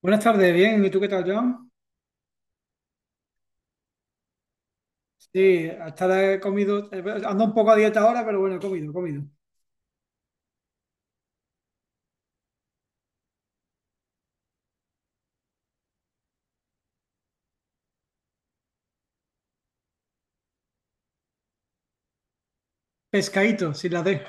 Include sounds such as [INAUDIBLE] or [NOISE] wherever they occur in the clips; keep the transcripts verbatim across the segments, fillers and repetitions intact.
Buenas tardes, bien. ¿Y tú qué tal, John? Sí, hasta he comido, eh, ando un poco a dieta ahora, pero bueno, he comido, he comido. Pescadito, sin la D.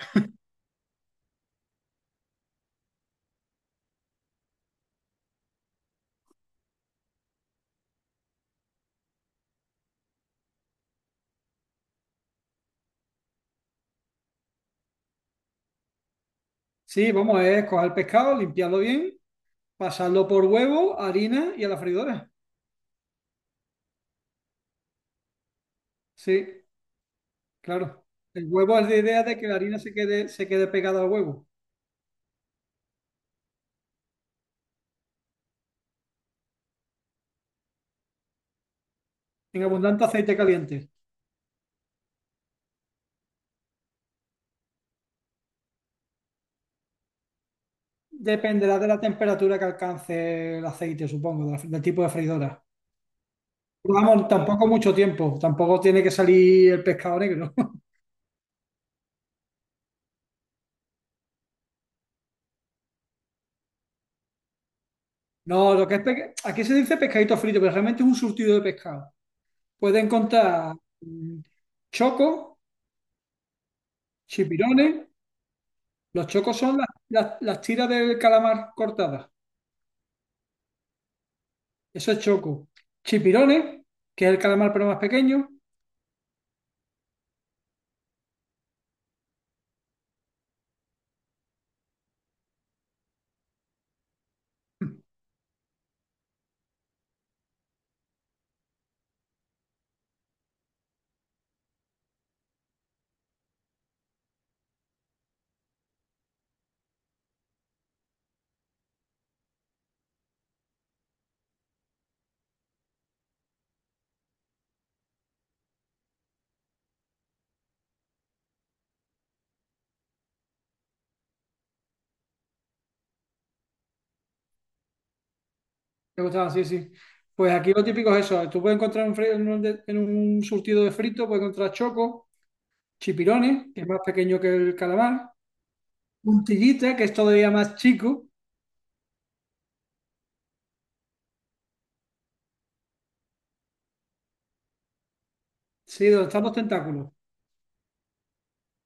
Sí, vamos, es coger el pescado, limpiarlo bien, pasarlo por huevo, harina y a la freidora. Sí, claro. El huevo es la idea de que la harina se quede, se quede pegada al huevo, en abundante aceite caliente. Dependerá de la temperatura que alcance el aceite, supongo, de la- del tipo de freidora. Vamos, tampoco mucho tiempo, tampoco tiene que salir el pescado negro. [LAUGHS] No, lo que es pesca- aquí se dice pescadito frito, pero realmente es un surtido de pescado. Puedes encontrar mm, chocos, chipirones. Los chocos son las, las- las tiras del calamar cortadas. Eso es choco. Chipirones, que es el calamar pero más pequeño. Me gustaba, sí, sí. Pues aquí lo típico es eso. Tú puedes encontrar en, fri- en un, de- en un surtido de frito, puedes encontrar choco, chipirones, que es más pequeño que el calamar. Puntillita, que es todavía más chico. Sí, donde están los tentáculos.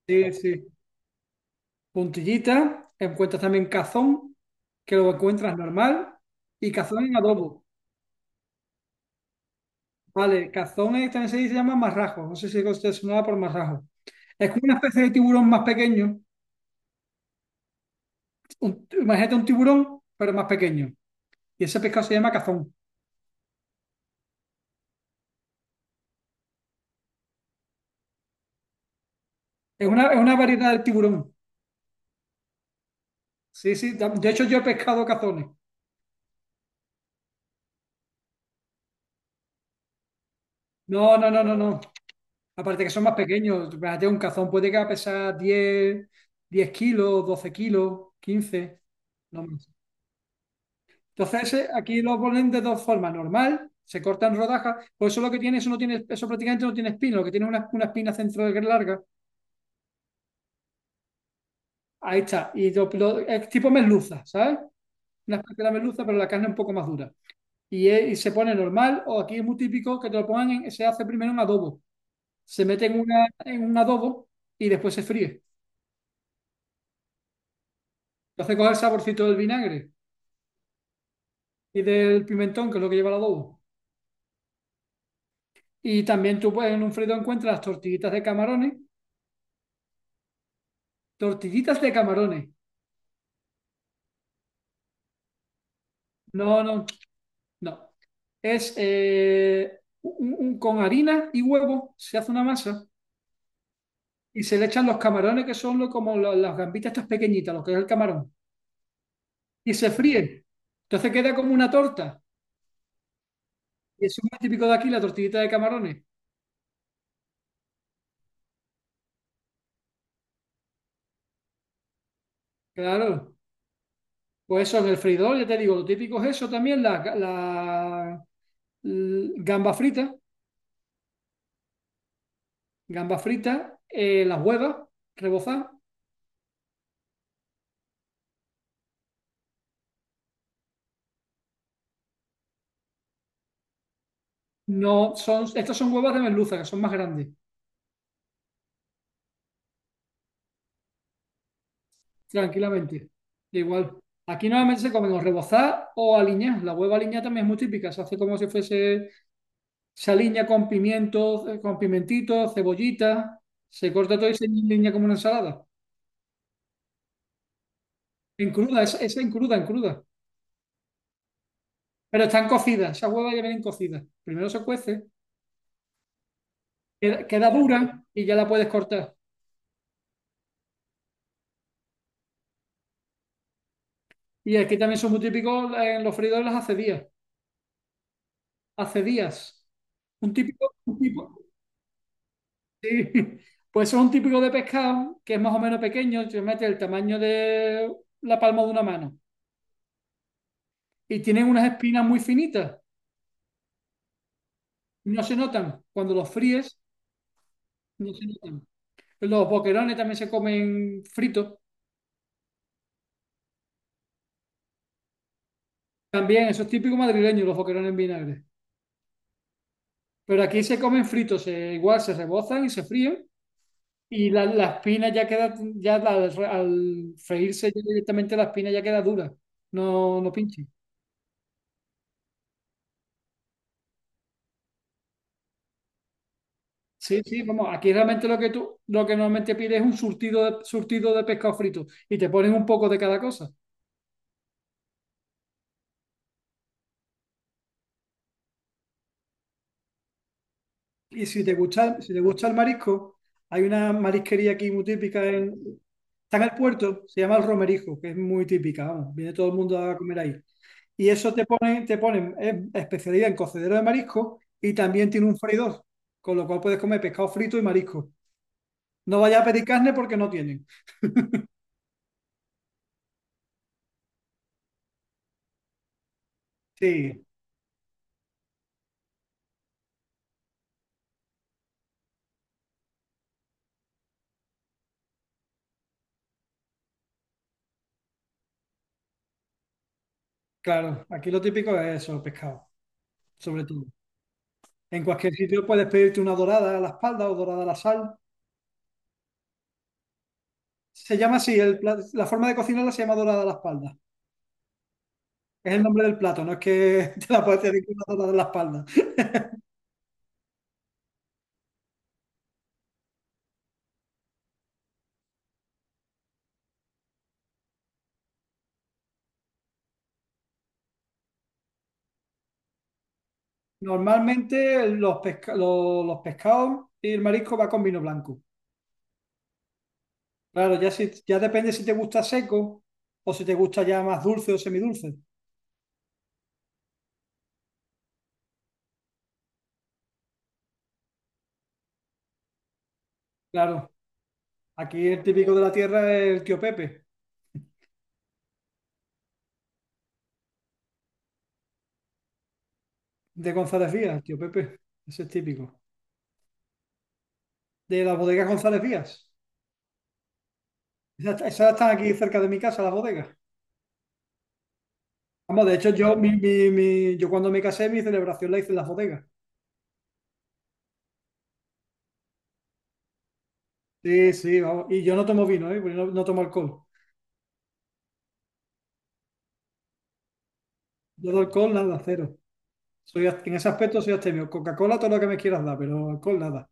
Sí, sí. Puntillita, encuentras también cazón, que lo encuentras normal, y cazón en adobo. Vale, cazón es- también se dice- se llama marrajo, no sé si usted sonaba por marrajo. Es como una especie de tiburón más pequeño, un- imagínate un tiburón, pero más pequeño, y ese pescado se llama cazón. Es una, es una variedad del tiburón. Sí, sí, da- de hecho yo he pescado cazones. No, no, no, no, no. Aparte que son más pequeños, imagínate un cazón puede que pesar diez diez kilos, doce kilos, quince no más. Entonces, eh, aquí lo ponen de dos formas. Normal, se cortan rodajas. Pues eso lo que tiene, eso no tiene, eso prácticamente no tiene espina, lo que tiene es una, una espina central larga. Ahí está. Y lo- lo- es tipo merluza, ¿sabes? Una especie de la merluza, pero la carne un poco más dura. Y, es- y se pone normal, o aquí es muy típico que te lo pongan en- se hace primero un adobo. Se mete en, una, en un adobo y después se fríe. Entonces coge el saborcito del vinagre y del pimentón, que es lo que lleva el adobo. Y también tú pues, en un frito encuentras tortillitas de camarones, tortillitas de camarones. No, no, no. Es eh, un- un- con harina y huevo se hace una masa y se le echan los camarones, que son lo- como la- las gambitas estas pequeñitas, lo que es el camarón, y se fríe. Entonces queda como una torta. Y eso es muy típico de aquí, la tortillita de camarones. Claro. Pues eso en el freidor, ya te digo, lo típico es eso también, la, ga- la- l- gamba frita, gamba frita, eh, las huevas rebozadas. No, son, estas son huevas de merluza, que son más grandes. Tranquilamente. Igual. Aquí normalmente se comen o rebozar o aliñar. La hueva aliñada también es muy típica. Se hace como si fuese, se aliña con pimientos, eh, con pimentitos, cebollita. Se corta todo y se aliña como una ensalada. En cruda, esa, esa en cruda, en cruda. Pero están cocidas, esas huevas ya vienen cocidas. Primero se cuece, queda, queda dura y ya la puedes cortar. Y aquí también son muy típicos eh, en los freidores las acedías. Acedías. Un típico, un tipo, sí, pues son típicos de pescado que es más o menos pequeño, se mete el tamaño de la palma de una mano y tienen unas espinas muy finitas, no se notan. Cuando los fríes, no se notan. Los boquerones también se comen fritos, también, eso es típico madrileño, los boquerones en vinagre. Pero aquí se comen fritos, se- igual se rebozan y se fríen y la, la espina ya queda, ya la- al freírse ya directamente la espina ya queda dura, no, no pinche. Sí, sí, vamos, aquí realmente lo que tú, lo que normalmente pides es un surtido de, surtido de pescado frito y te ponen un poco de cada cosa. Y si te gusta, si te gusta el marisco, hay una marisquería aquí muy típica en, está en el puerto, se llama el Romerijo, que es muy típica, vamos, viene todo el mundo a comer ahí. Y eso te ponen, te ponen eh, especialidad en cocedero de marisco y también tiene un freidor, con lo cual puedes comer pescado frito y marisco. No vayas a pedir carne porque no tienen. Sí, claro, aquí lo típico es eso, pescado, sobre todo. En cualquier sitio puedes pedirte una dorada a la espalda o dorada a la sal. Se llama así, el pla- la forma de cocinarla se llama dorada a la espalda. Es el nombre del plato, no es que [LAUGHS] te la puedes pedir con una dorada a la espalda. [LAUGHS] Normalmente los, pesca- lo- los pescados y el marisco va con vino blanco. Claro, ya, si, ya depende si te gusta seco o si te gusta ya más dulce o semidulce. Claro, aquí el típico de la tierra es el Tío Pepe, de González Vías, el Tío Pepe, ese es típico. De las bodegas González Vías. Esas esas están aquí cerca de mi casa, las bodegas. Vamos, de hecho, yo, mi, mi- mi- yo cuando me casé, mi celebración la hice en las bodegas. Sí, sí, vamos. Y yo no tomo vino, ¿eh? Porque no, no tomo alcohol. Yo de alcohol, nada, cero. Soy, ast- en ese aspecto soy abstemio. Coca-Cola, todo lo que me quieras dar, pero alcohol, nada.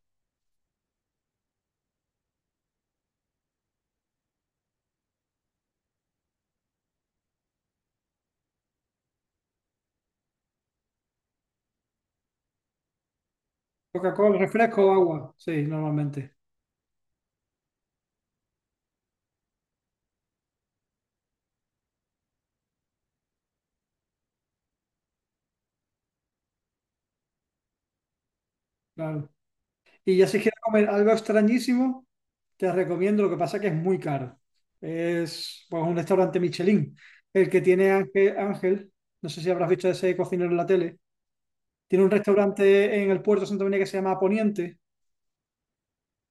Coca-Cola, refresco, agua. Sí, normalmente. Claro. Y ya si quieres comer algo extrañísimo, te recomiendo, lo que pasa que es muy caro. Es pues, un restaurante Michelin. El que tiene Ángel, Ángel, no sé si habrás visto ese cocinero en la tele. Tiene un restaurante en el Puerto de Santa María que se llama Poniente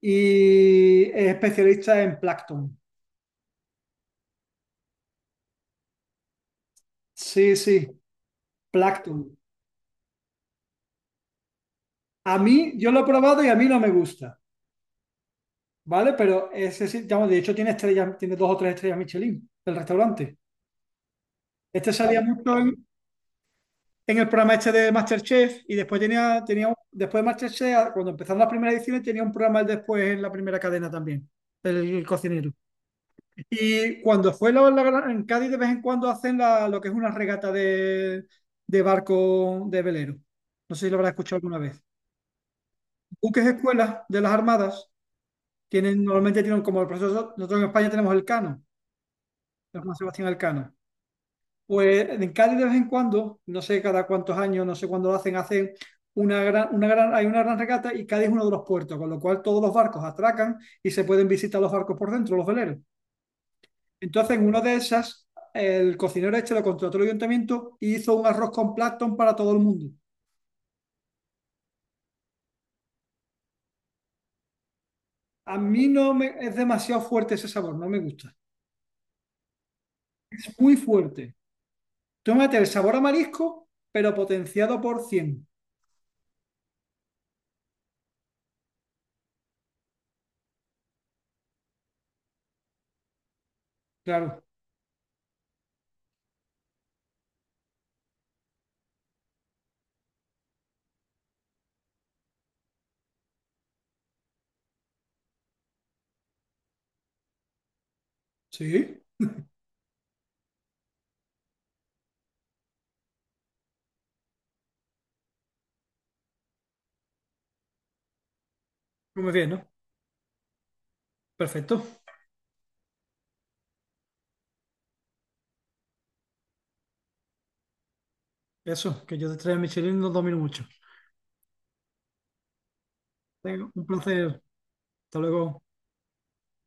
y es especialista en plancton. Sí, sí, plancton. A mí, yo lo he probado y a mí no me gusta, ¿vale? Pero ese sí, digamos, de hecho tiene estrellas, tiene dos o tres estrellas Michelin, el restaurante. Este salía mucho en, en el programa este de MasterChef y después tenía, tenía, un- después de MasterChef, cuando empezaron las primeras ediciones, tenía un programa el después en la primera cadena también, el cocinero. Y cuando fue la, la- en Cádiz de vez en cuando hacen la, lo que es una regata de, de barco de velero. No sé si lo habrás escuchado alguna vez. Buques escuelas de las armadas tienen, normalmente tienen como el proceso, nosotros en España tenemos el Cano, el Juan Sebastián Elcano. Pues en Cádiz de vez en cuando, no sé cada cuántos años, no sé cuándo lo hacen, hacen una gran, una gran, hay una gran regata y Cádiz es uno de los puertos, con lo cual todos los barcos atracan y se pueden visitar los barcos por dentro, los veleros. Entonces, en una de esas, el cocinero este lo contrató el ayuntamiento y hizo un arroz con plancton para todo el mundo. A mí no me, es demasiado fuerte ese sabor, no me gusta. Es muy fuerte. Tú tómate el sabor a marisco, pero potenciado por cien. Claro, sí, muy bien, ¿no? Perfecto. Eso, que yo te traiga Michelin no domino mucho. Venga, un placer. Hasta luego.